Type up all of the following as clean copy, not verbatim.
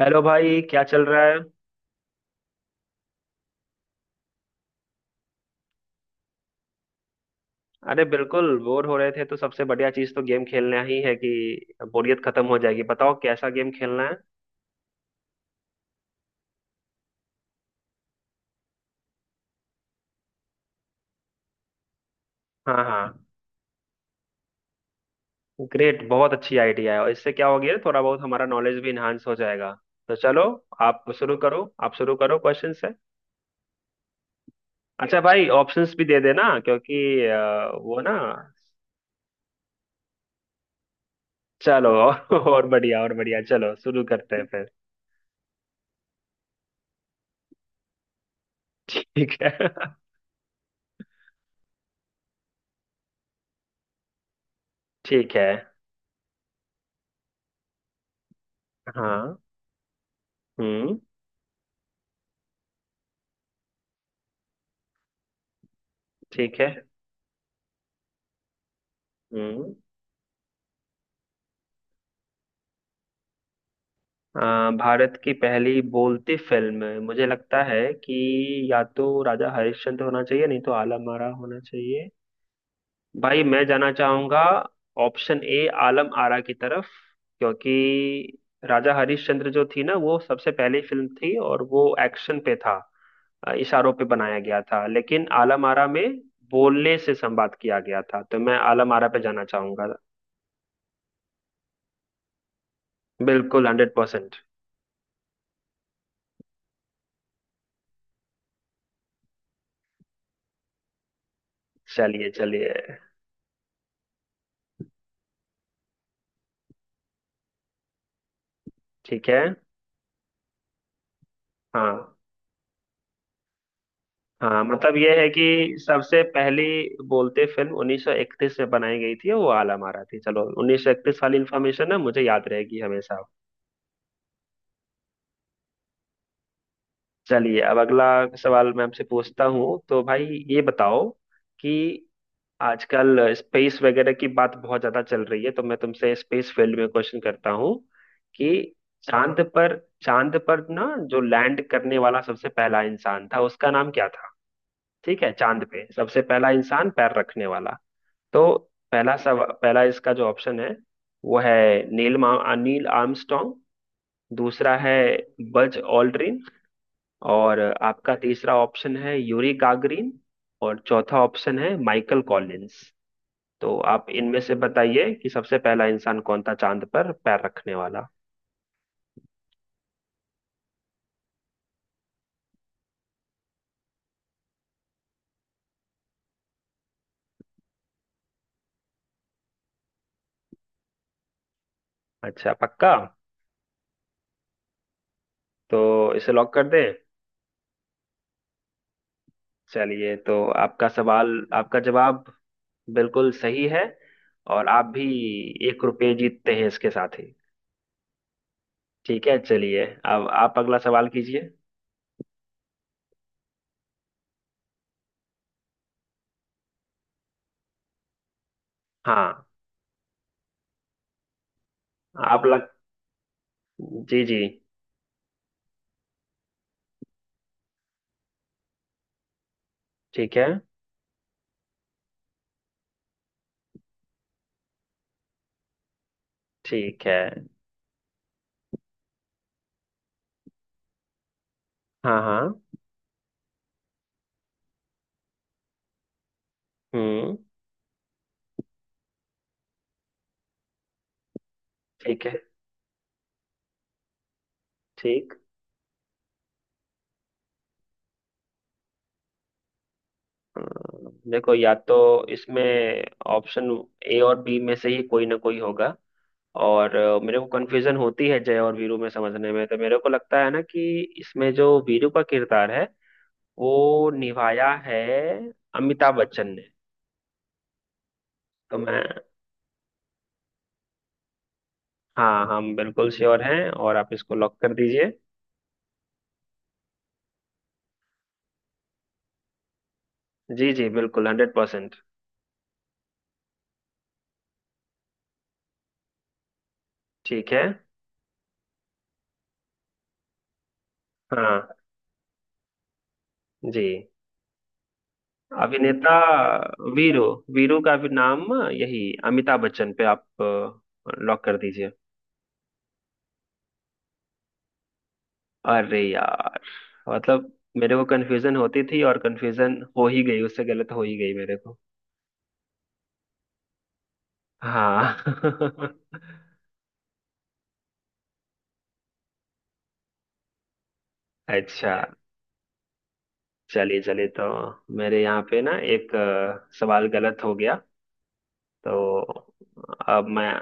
Hello भाई, क्या चल रहा है? अरे बिल्कुल, बोर हो रहे थे तो सबसे बढ़िया चीज तो गेम खेलना ही है कि बोरियत खत्म हो जाएगी। बताओ कैसा गेम खेलना है? हाँ हाँ। ग्रेट, बहुत अच्छी आइडिया है और इससे क्या हो गया थोड़ा बहुत हमारा नॉलेज भी इन्हांस हो जाएगा। तो चलो, आप शुरू करो क्वेश्चन से। अच्छा भाई, ऑप्शंस भी दे देना क्योंकि वो ना। चलो और बढ़िया और बढ़िया, चलो शुरू करते हैं फिर। ठीक है। ठीक है। हाँ। हम्म। ठीक है। हम्म। अ, भारत की पहली बोलती फिल्म मुझे लगता है कि या तो राजा हरिश्चंद्र होना चाहिए, नहीं तो आलम आरा होना चाहिए। भाई मैं जाना चाहूंगा ऑप्शन ए आलम आरा की तरफ, क्योंकि राजा हरिश्चंद्र जो थी ना वो सबसे पहली फिल्म थी और वो एक्शन पे था, इशारों पे बनाया गया था, लेकिन आलम आरा में बोलने से संवाद किया गया था, तो मैं आलम आरा पे जाना चाहूंगा। बिल्कुल, हंड्रेड परसेंट। चलिए चलिए। ठीक है। हाँ हाँ। मतलब ये है कि सबसे पहली बोलते फिल्म 1931 में बनाई गई थी, वो आला मारा थी। चलो 1931 वाली इन्फॉर्मेशन ना मुझे याद रहेगी हमेशा। चलिए अब अगला सवाल मैं आपसे पूछता हूँ। तो भाई ये बताओ कि आजकल स्पेस वगैरह की बात बहुत ज्यादा चल रही है, तो मैं तुमसे स्पेस फील्ड में क्वेश्चन करता हूँ कि चांद पर चांद पर ना जो लैंड करने वाला सबसे पहला इंसान था उसका नाम क्या था? ठीक है, चांद पे सबसे पहला इंसान पैर रखने वाला। तो पहला इसका जो ऑप्शन है वो है नील आर्मस्ट्रॉन्ग। दूसरा है बज ऑल्ड्रिन। और आपका तीसरा ऑप्शन है यूरी गागरिन। और चौथा ऑप्शन है माइकल कॉलिंस। तो आप इनमें से बताइए कि सबसे पहला इंसान कौन था चांद पर पैर रखने वाला? अच्छा पक्का? तो इसे लॉक कर दें? चलिए, तो आपका सवाल, आपका जवाब बिल्कुल सही है और आप भी एक रुपये जीतते हैं इसके साथ ही। ठीक है, चलिए अब आप अगला सवाल कीजिए। हाँ। आप लग जी जी। ठीक है। ठीक है। हाँ हाँ। हम्म। ठीक है। ठीक। देखो, या तो इसमें ऑप्शन ए और बी में से ही कोई ना कोई होगा। और मेरे को कंफ्यूजन होती है जय और वीरू में समझने में, तो मेरे को लगता है ना कि इसमें जो वीरू का किरदार है वो निभाया है अमिताभ बच्चन ने। तो मैं हाँ, हम बिल्कुल श्योर हैं और आप इसको लॉक कर दीजिए। जी जी, बिल्कुल हंड्रेड परसेंट। ठीक है। हाँ जी। अभिनेता वीरू वीरू का भी नाम यही, अमिताभ बच्चन पे आप लॉक कर दीजिए। अरे यार, मतलब मेरे को कंफ्यूजन होती थी और कंफ्यूजन हो ही गई, उससे गलत हो ही गई मेरे को। हाँ। अच्छा। चलिए चलिए, तो मेरे यहाँ पे ना एक सवाल गलत हो गया। तो अब मैं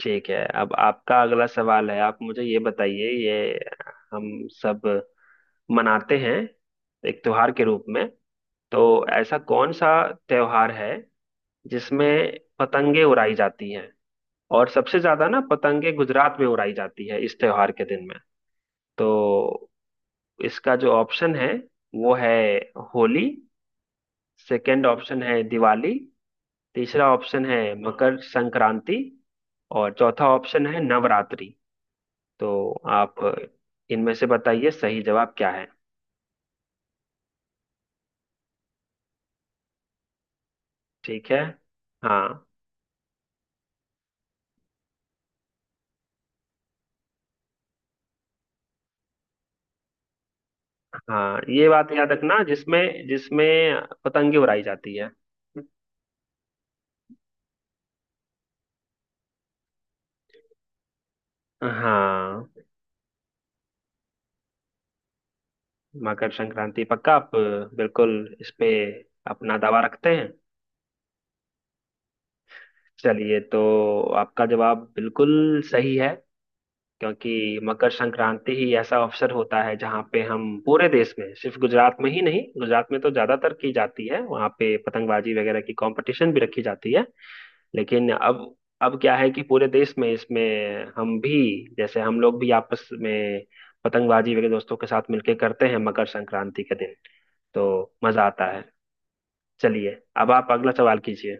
ठीक है, अब आपका अगला सवाल है, आप मुझे ये बताइए, ये हम सब मनाते हैं एक त्योहार के रूप में। तो ऐसा कौन सा त्योहार है जिसमें पतंगे उड़ाई जाती हैं, और सबसे ज्यादा ना पतंगे गुजरात में उड़ाई जाती है इस त्योहार के दिन में? तो इसका जो ऑप्शन है वो है होली। सेकंड ऑप्शन है दिवाली। तीसरा ऑप्शन है मकर संक्रांति। और चौथा ऑप्शन है नवरात्रि। तो आप इनमें से बताइए सही जवाब क्या है? ठीक है। हाँ हाँ, ये बात याद रखना जिसमें जिसमें पतंगे उड़ाई जाती है। हाँ। मकर संक्रांति, पक्का आप बिल्कुल इस पे अपना दावा रखते हैं? चलिए, तो आपका जवाब बिल्कुल सही है, क्योंकि मकर संक्रांति ही ऐसा अवसर होता है जहाँ पे हम पूरे देश में, सिर्फ गुजरात में ही नहीं, गुजरात में तो ज्यादातर की जाती है, वहाँ पे पतंगबाजी वगैरह की कंपटीशन भी रखी जाती है। लेकिन अब क्या है कि पूरे देश में इसमें हम भी, जैसे हम लोग भी आपस में पतंगबाजी वगैरह दोस्तों के साथ मिलके करते हैं मकर संक्रांति के दिन, तो मजा आता है। चलिए, अब आप अगला सवाल कीजिए।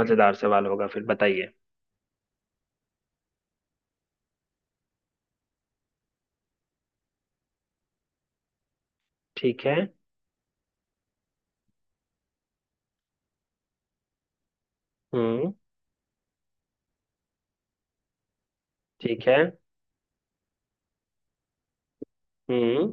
मजेदार सवाल होगा, फिर बताइए। ठीक है। हम्म। ठीक है। हम्म।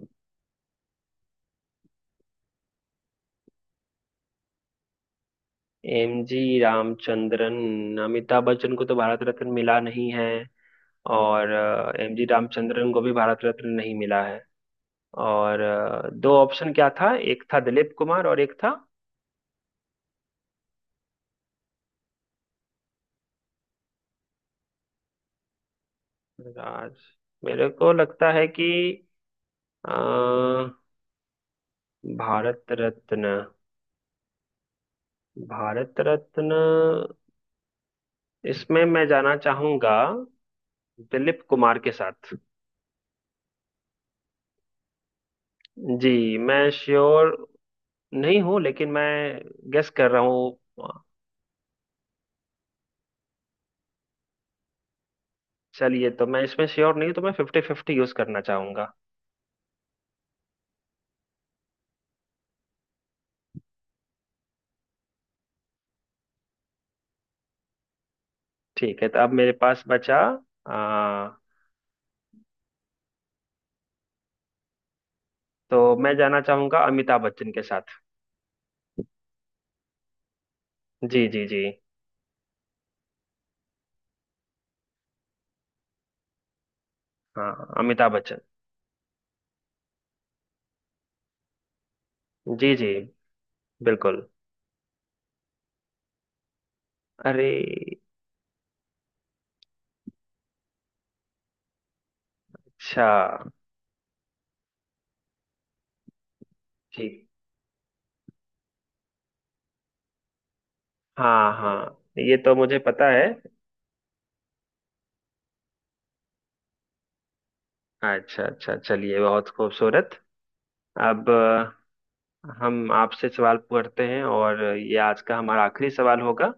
M G Ramachandran. अमिताभ बच्चन को तो भारत रत्न मिला नहीं है, और एम जी रामचंद्रन को भी भारत रत्न नहीं मिला है। और दो ऑप्शन क्या था, एक था दिलीप कुमार और एक था राज, मेरे को लगता है कि अ, भारत रत्न भारत रत्न इसमें मैं जाना चाहूंगा दिलीप कुमार के साथ। जी, मैं श्योर नहीं हूँ, लेकिन मैं गेस कर रहा हूँ। चलिए, तो मैं इसमें श्योर नहीं हूँ, तो मैं फिफ्टी फिफ्टी यूज करना चाहूंगा। ठीक है, तो अब मेरे पास बचा आ, तो मैं जाना चाहूंगा अमिताभ बच्चन के साथ। जी जी जी। हाँ, अमिताभ बच्चन। जी जी बिल्कुल। अरे। अच्छा। ठीक। हाँ हाँ, ये तो मुझे पता है। अच्छा अच्छा, चलिए, बहुत खूबसूरत। अब हम आपसे सवाल करते हैं, और ये आज का हमारा आखिरी सवाल होगा।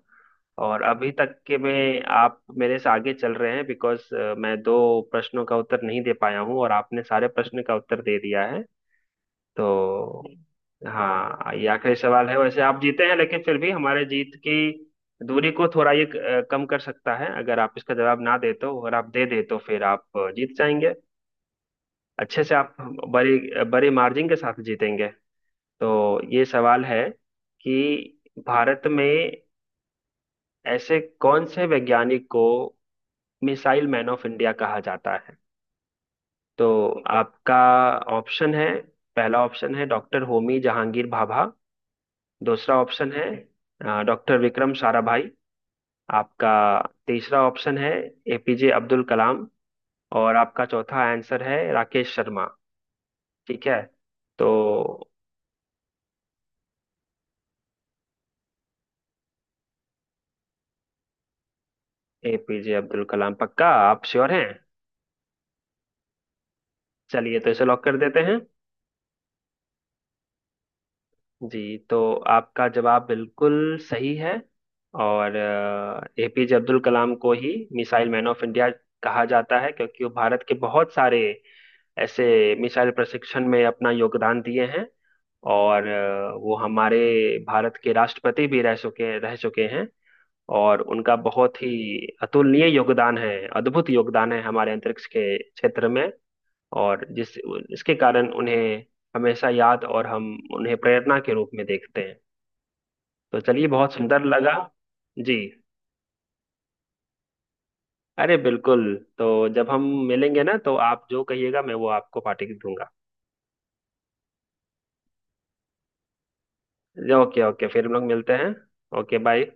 और अभी तक के में आप मेरे से आगे चल रहे हैं, बिकॉज मैं दो प्रश्नों का उत्तर नहीं दे पाया हूँ, और आपने सारे प्रश्न का उत्तर दे दिया है। तो हाँ, ये आखिरी सवाल है, वैसे आप जीते हैं, लेकिन फिर भी हमारे जीत की दूरी को थोड़ा ये कम कर सकता है अगर आप इसका जवाब ना दे तो, और आप दे दे तो फिर आप जीत जाएंगे, अच्छे से आप बड़ी बड़े मार्जिन के साथ जीतेंगे। तो ये सवाल है कि भारत में ऐसे कौन से वैज्ञानिक को मिसाइल मैन ऑफ इंडिया कहा जाता है? तो आपका ऑप्शन है, पहला ऑप्शन है डॉक्टर होमी जहांगीर भाभा। दूसरा ऑप्शन है डॉक्टर विक्रम साराभाई। आपका तीसरा ऑप्शन है एपीजे अब्दुल कलाम। और आपका चौथा आंसर है राकेश शर्मा। ठीक है। तो एपीजे अब्दुल कलाम, पक्का आप श्योर हैं? चलिए, तो इसे लॉक कर देते हैं। जी। तो आपका जवाब बिल्कुल सही है, और एपीजे अब्दुल कलाम को ही मिसाइल मैन ऑफ इंडिया कहा जाता है, क्योंकि वो भारत के बहुत सारे ऐसे मिसाइल प्रशिक्षण में अपना योगदान दिए हैं। और वो हमारे भारत के राष्ट्रपति भी रह चुके हैं। और उनका बहुत ही अतुलनीय योगदान है, अद्भुत योगदान है हमारे अंतरिक्ष के क्षेत्र में। और जिस इसके कारण उन्हें हमेशा याद, और हम उन्हें प्रेरणा के रूप में देखते हैं। तो चलिए, बहुत सुंदर लगा। जी। अरे बिल्कुल, तो जब हम मिलेंगे ना तो आप जो कहिएगा मैं वो आपको पार्टी दूंगा। ओके ओके, फिर हम लोग मिलते हैं। Okay bye.